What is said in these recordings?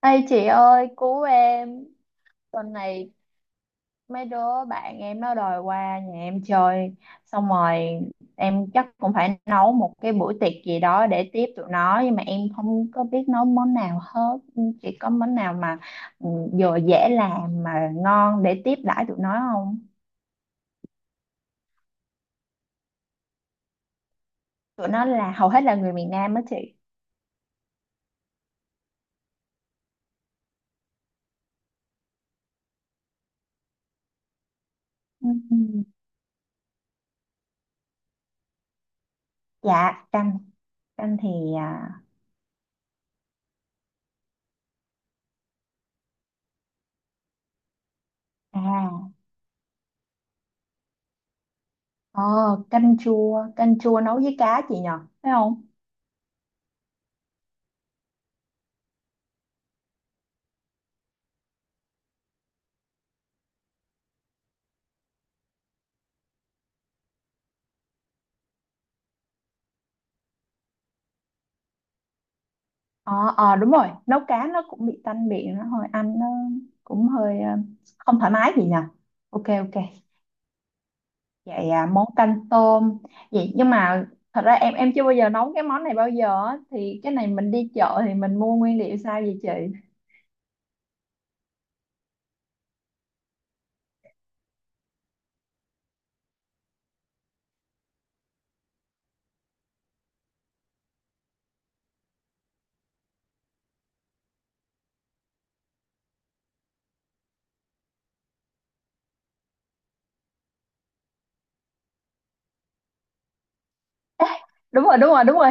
Ê chị ơi cứu em. Tuần này mấy đứa bạn em nó đòi qua nhà em chơi. Xong rồi em chắc cũng phải nấu một cái buổi tiệc gì đó để tiếp tụi nó. Nhưng mà em không có biết nấu món nào hết. Chị có món nào mà ừ, vừa dễ làm mà ngon để tiếp đãi tụi nó không? Tụi nó là hầu hết là người miền Nam á chị. Ừ. Dạ canh. Canh thì à, à ờ, canh chua. Canh chua nấu với cá chị nhờ? Phải không? Ờ, đúng rồi, nấu cá nó cũng bị tanh miệng, nó hơi ăn nó cũng hơi không thoải mái gì nhỉ. Ok ok. Vậy à, món canh tôm. Vậy nhưng mà thật ra em chưa bao giờ nấu cái món này bao giờ á. Thì cái này mình đi chợ thì mình mua nguyên liệu sao vậy chị? Đúng rồi.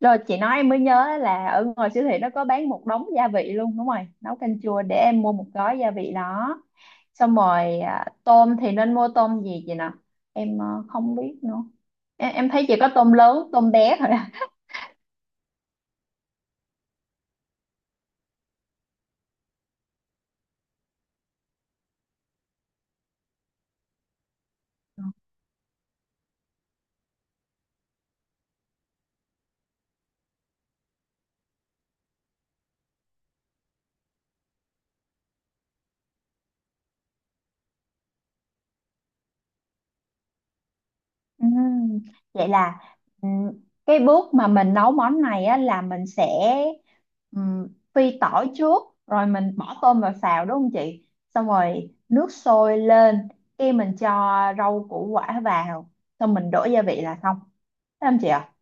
Rồi chị nói em mới nhớ là ở ngoài siêu thị nó có bán một đống gia vị luôn, đúng rồi. Nấu canh chua, để em mua một gói gia vị đó. Xong rồi à, tôm thì nên mua tôm gì vậy nè? Em không biết nữa. Em thấy chỉ có tôm lớn tôm bé thôi à. Ừm, vậy là ừm, cái bước mà mình nấu món này á, là mình sẽ ừm, phi tỏi trước rồi mình bỏ tôm vào xào, đúng không chị? Xong rồi nước sôi lên cái mình cho rau củ quả vào, xong mình đổ gia vị là xong. Thấy không chị ạ?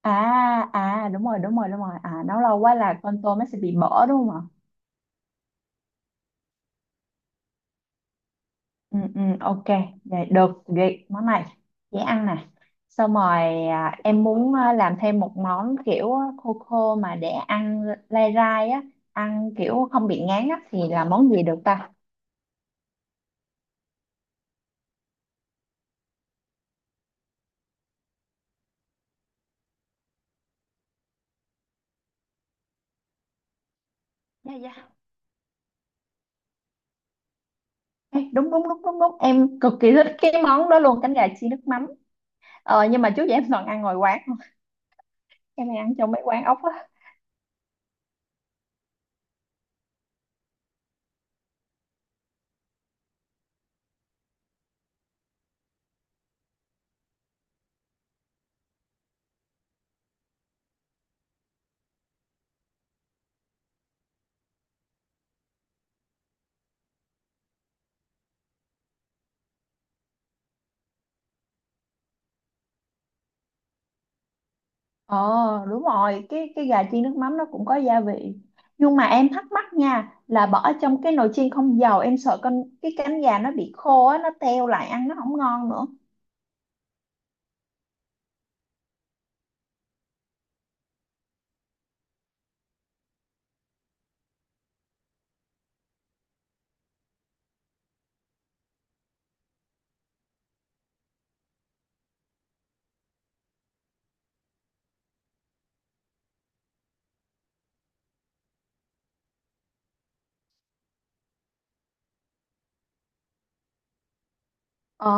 À, đúng rồi, đúng rồi, à nấu lâu quá là con tôm nó sẽ bị mỡ đúng không ạ? Ừ, ok. Vậy được, vậy món này dễ ăn nè. Xong rồi à, em muốn à, làm thêm một món kiểu à, khô khô mà để ăn lai rai á, ăn kiểu không bị ngán á, thì là món gì được ta? Dạ dạ. Ê, đúng đúng đúng đúng đúng em cực kỳ thích cái món đó luôn, cánh gà chiên nước mắm. Nhưng mà trước giờ em toàn ăn ngoài quán, em hay ăn trong mấy quán ốc á. Ờ đúng rồi, cái gà chiên nước mắm nó cũng có gia vị, nhưng mà em thắc mắc nha là bỏ trong cái nồi chiên không dầu em sợ con cái cánh gà nó bị khô á, nó teo lại ăn nó không ngon nữa. ờ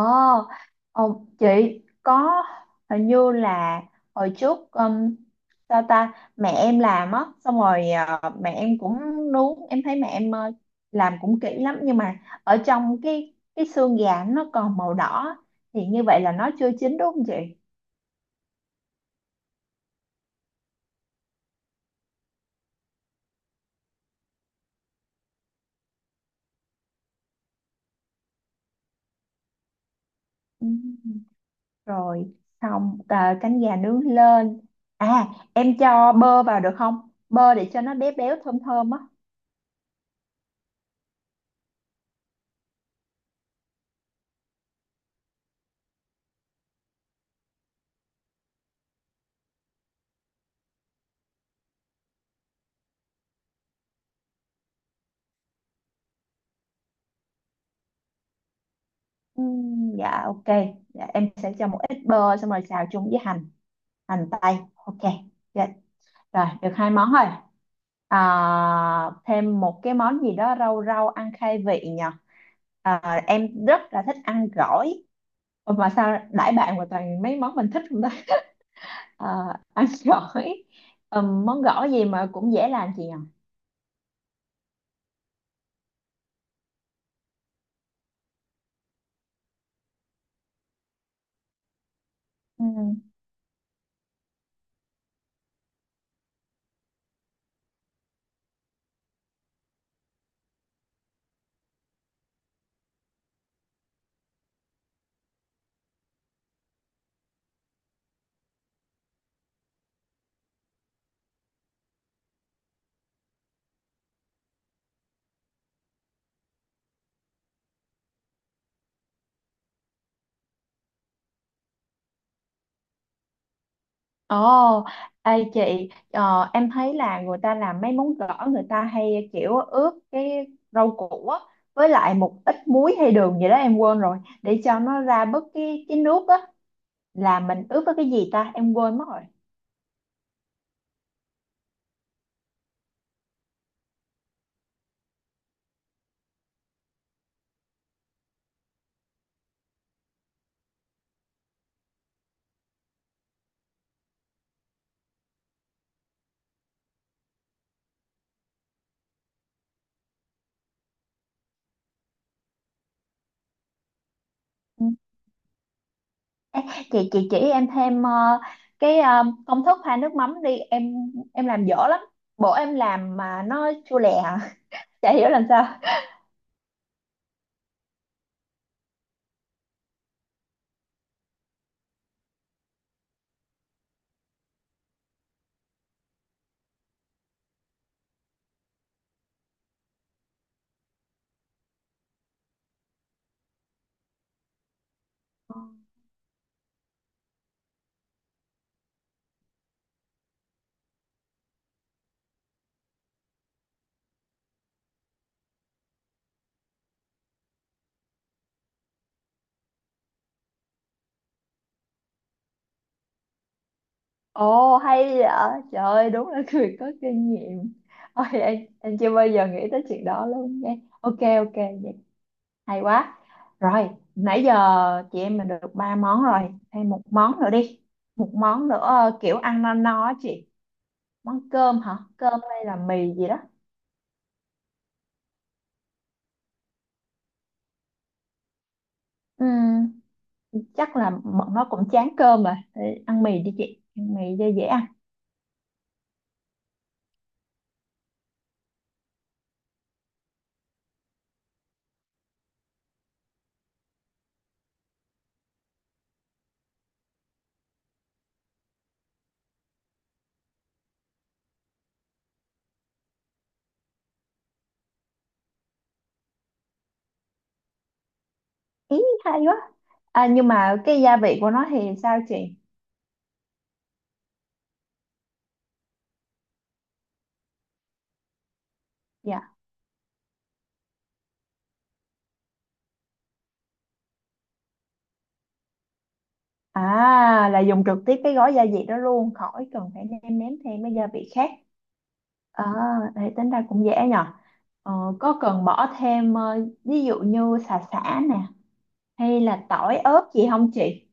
ờ, chị có hình như là hồi trước ta ta mẹ em làm á, xong rồi mẹ em cũng nướng. Em thấy mẹ em làm cũng kỹ lắm, nhưng mà ở trong cái xương gà nó còn màu đỏ, thì như vậy là nó chưa chín đúng không chị? Ừ. Rồi xong à, cánh gà nướng lên à, em cho bơ vào được không, bơ để cho nó béo béo thơm thơm á? Dạ ok, dạ, em sẽ cho một ít bơ xong rồi xào chung với hành hành tây. Ok dạ. Rồi được hai món rồi. À, thêm một cái món gì đó rau rau ăn khai vị nhờ. À, em rất là thích ăn gỏi. Ủa mà sao đãi bạn mà toàn mấy món mình thích không ta? À, ăn gỏi. Món gỏi gì mà cũng dễ làm chị nhỉ? Ừ. Ồ, ê chị, em thấy là người ta làm mấy món gỏi người ta hay kiểu ướp cái rau củ á, với lại một ít muối hay đường gì đó em quên rồi, để cho nó ra bớt cái nước á, là mình ướp với cái gì ta, em quên mất rồi. Ừ. Ê, chị chỉ em thêm cái công thức pha nước mắm đi em làm dở lắm, bữa em làm mà nó chua lè à. Chả hiểu làm sao. Ồ hay vậy, trời ơi đúng là người có kinh nghiệm. Ôi em chưa bao giờ nghĩ tới chuyện đó luôn nha. Ok ok vậy hay quá. Rồi nãy giờ chị em mình được ba món rồi, thêm một món nữa đi. Một món nữa kiểu ăn no no á chị. Món cơm hả? Cơm hay là mì gì đó? Ừm, Chắc là bọn nó cũng chán cơm rồi. Thì ăn mì đi chị, ăn mì cho dễ ăn. Ý hay quá. À, nhưng mà cái gia vị của nó thì sao chị? Dạ. À là dùng trực tiếp cái gói gia vị đó luôn, khỏi cần phải nêm nếm thêm mấy gia vị khác. À, thì tính ra cũng dễ nhờ. Ờ, có cần bỏ thêm ví dụ như xà xả nè hay là tỏi ớt gì không chị?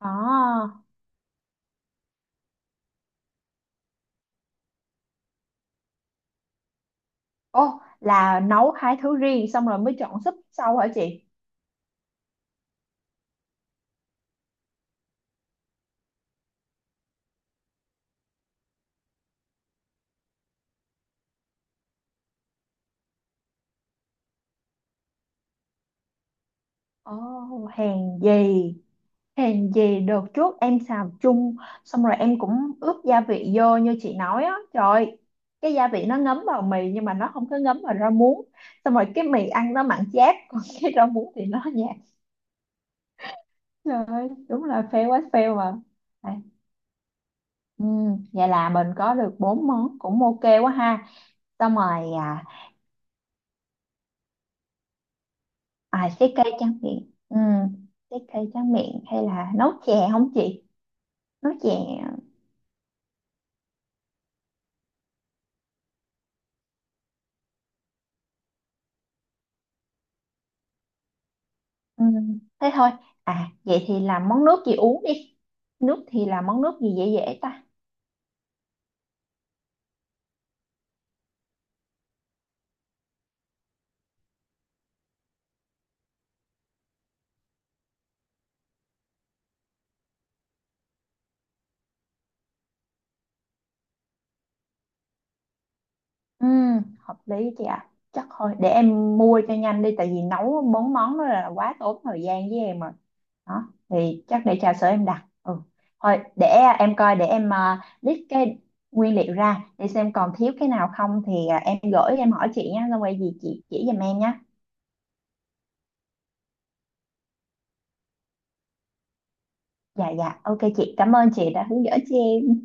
À, ô là nấu hai thứ riêng xong rồi mới chọn súp sau hả chị? Ồ, hèn gì hèn gì đợt trước em xào chung xong rồi em cũng ướp gia vị vô như chị nói á, trời ơi, cái gia vị nó ngấm vào mì nhưng mà nó không có ngấm vào rau muống, xong rồi cái mì ăn nó mặn chát còn cái rau muống thì nó nhạt. Trời ơi, đúng là fail quá fail mà. À, ừ, vậy là mình có được bốn món cũng ok quá ha. Xong rồi à, à cái cây tráng miệng ừ, cái cây tráng miệng hay là nấu chè không chị? Nấu chè. Ừ, thế thôi. À, vậy thì làm món nước gì uống đi. Nước thì làm món nước gì dễ dễ ta? Ừ, hợp lý chị ạ. Chắc thôi, để em mua cho nhanh đi, tại vì nấu bốn món đó là quá tốn thời gian với em rồi. Đó, thì chắc để trà sữa em đặt. Ừ, thôi, để em coi, để em list cái nguyên liệu ra, để xem còn thiếu cái nào không thì à, em gửi em hỏi chị nha, xong rồi gì chị chỉ giùm em nhé. Dạ dạ, ok chị, cảm ơn chị đã hướng dẫn cho em.